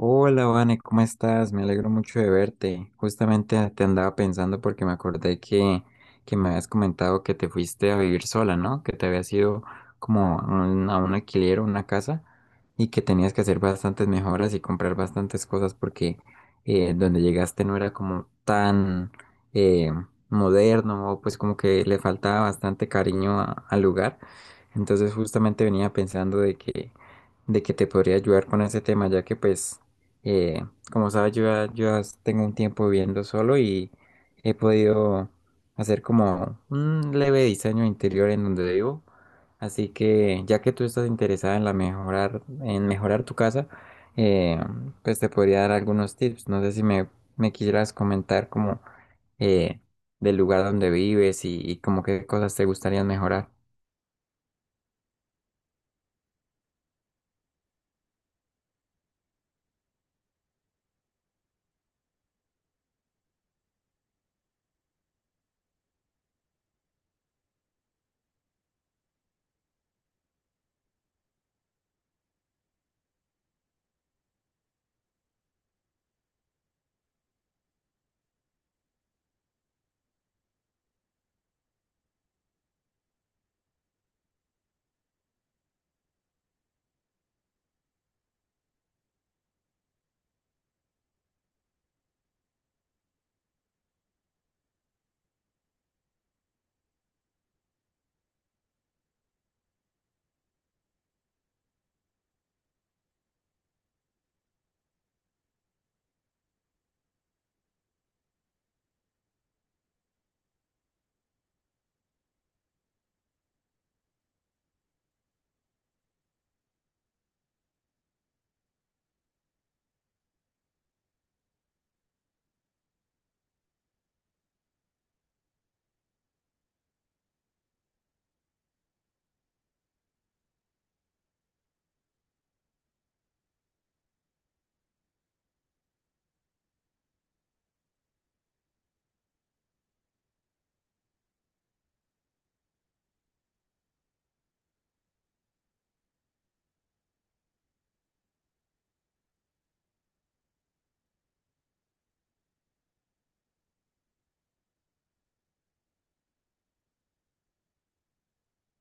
Hola, Vane, ¿cómo estás? Me alegro mucho de verte. Justamente te andaba pensando porque me acordé que me habías comentado que te fuiste a vivir sola, ¿no? Que te habías ido como a un alquiler o una casa, y que tenías que hacer bastantes mejoras y comprar bastantes cosas porque donde llegaste no era como tan eh, moderno, o pues como que le faltaba bastante cariño al lugar. Entonces justamente venía pensando de que te podría ayudar con ese tema, ya que pues eh, como sabes, yo ya tengo un tiempo viviendo solo y he podido hacer como un leve diseño interior en donde vivo. Así que ya que tú estás interesada en mejorar tu casa, eh, pues te podría dar algunos tips. No sé si me quisieras comentar como eh, del lugar donde vives y como qué cosas te gustaría mejorar.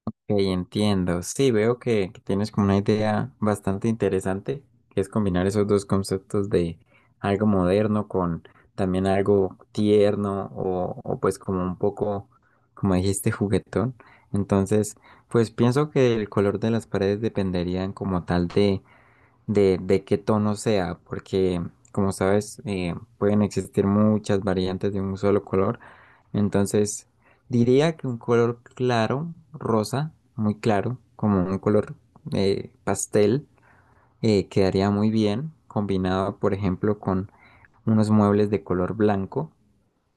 Ok, entiendo. Sí, veo que tienes como una idea bastante interesante, que es combinar esos dos conceptos de algo moderno con también algo tierno o pues como un poco, como dijiste, juguetón. Entonces, pues pienso que el color de las paredes dependerían como tal de de qué tono sea, porque como sabes, pueden existir muchas variantes de un solo color. Entonces, diría que un color claro, rosa, muy claro, como un color pastel, quedaría muy bien combinado, por ejemplo, con unos muebles de color blanco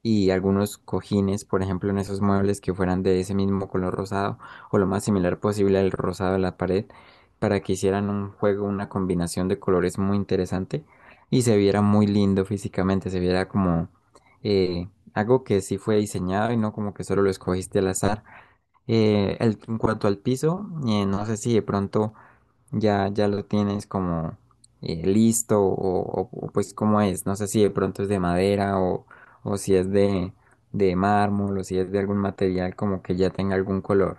y algunos cojines, por ejemplo, en esos muebles que fueran de ese mismo color rosado o lo más similar posible al rosado de la pared, para que hicieran un juego, una combinación de colores muy interesante y se viera muy lindo físicamente, se viera como algo que sí fue diseñado y no como que solo lo escogiste al azar. En cuanto al piso, no sé si de pronto ya lo tienes como listo o pues cómo es. No sé si de pronto es de madera o si es de mármol, o si es de algún material como que ya tenga algún color.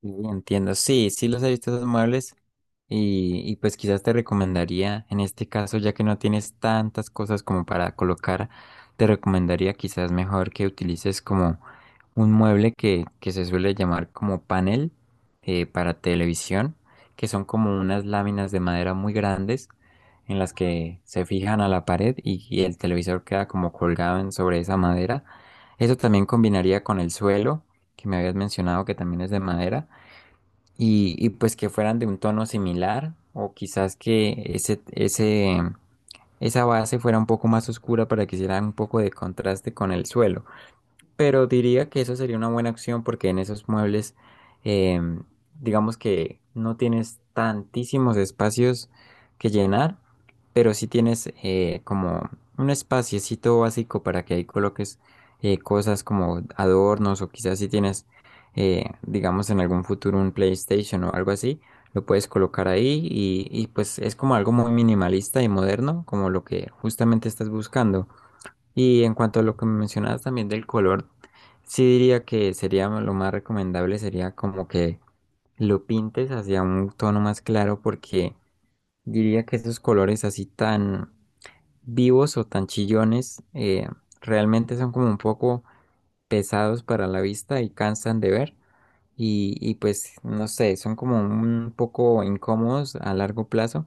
Sí, entiendo, sí, sí los he visto esos muebles y pues quizás te recomendaría, en este caso, ya que no tienes tantas cosas como para colocar, te recomendaría quizás mejor que utilices como un mueble que se suele llamar como panel para televisión, que son como unas láminas de madera muy grandes en las que se fijan a la pared y el televisor queda como colgado sobre esa madera. Eso también combinaría con el suelo, que me habías mencionado que también es de madera, y pues que fueran de un tono similar, o quizás que esa base fuera un poco más oscura para que hiciera un poco de contraste con el suelo. Pero diría que eso sería una buena opción porque en esos muebles, em, digamos que no tienes tantísimos espacios que llenar, pero sí tienes como un espaciecito básico para que ahí coloques cosas como adornos, o quizás si tienes, digamos, en algún futuro un PlayStation o algo así, lo puedes colocar ahí y pues es como algo muy minimalista y moderno, como lo que justamente estás buscando. Y en cuanto a lo que me mencionabas también del color, sí diría que sería como que lo pintes hacia un tono más claro, porque diría que esos colores así tan vivos o tan chillones realmente son como un poco pesados para la vista y cansan de ver, y pues no sé, son como un poco incómodos a largo plazo.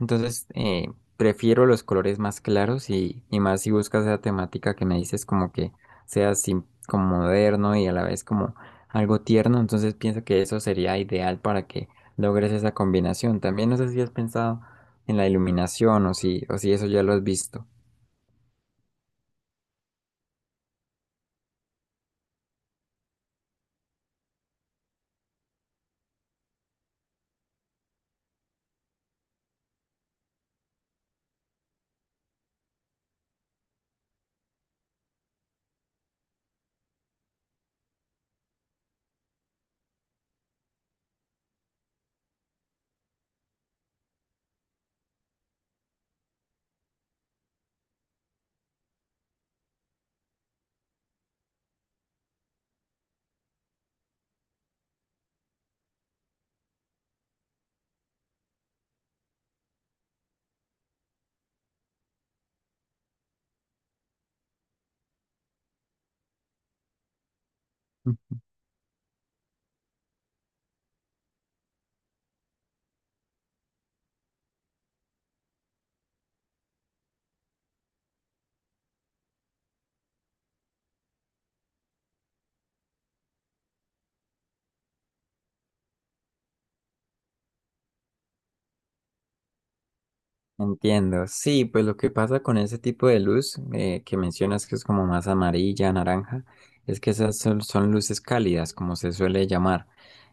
Entonces, prefiero los colores más claros y más si buscas esa temática que me dices como que sea así como moderno y a la vez como algo tierno. Entonces pienso que eso sería ideal para que logres esa combinación. También no sé si has pensado en la iluminación, o si eso ya lo has visto. Entiendo. Sí, pues lo que pasa con ese tipo de luz que mencionas que es como más amarilla, naranja, es que esas son luces cálidas, como se suele llamar.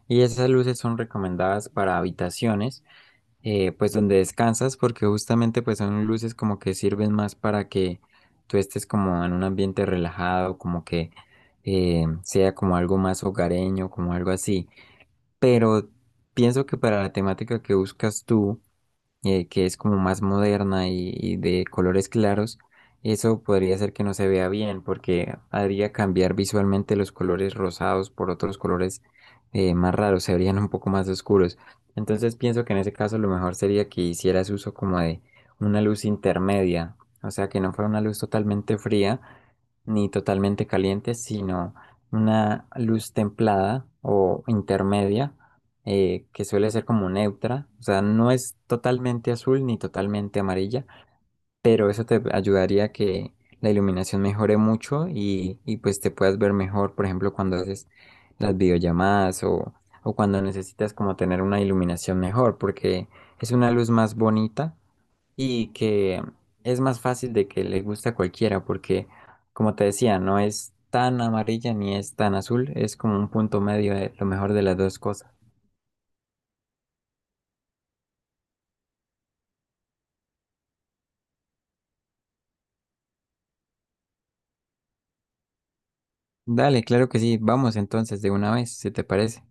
Y esas luces son recomendadas para habitaciones, pues donde descansas, porque justamente pues son luces como que sirven más para que tú estés como en un ambiente relajado, como que sea como algo más hogareño, como algo así. Pero pienso que para la temática que buscas tú, que es como más moderna y de colores claros, eso podría ser que no se vea bien porque haría cambiar visualmente los colores rosados por otros colores más raros, se verían un poco más oscuros. Entonces pienso que en ese caso lo mejor sería que hicieras uso como de una luz intermedia, o sea, que no fuera una luz totalmente fría, ni totalmente caliente, sino una luz templada o intermedia, que suele ser como neutra, o sea, no es totalmente azul ni totalmente amarilla, pero eso te ayudaría a que la iluminación mejore mucho y pues te puedas ver mejor, por ejemplo, cuando haces las videollamadas o cuando necesitas como tener una iluminación mejor, porque es una luz más bonita y que es más fácil de que le guste a cualquiera porque, como te decía, no es tan amarilla ni es tan azul, es como un punto medio de lo mejor de las dos cosas. Dale, claro que sí, vamos entonces de una vez, si te parece.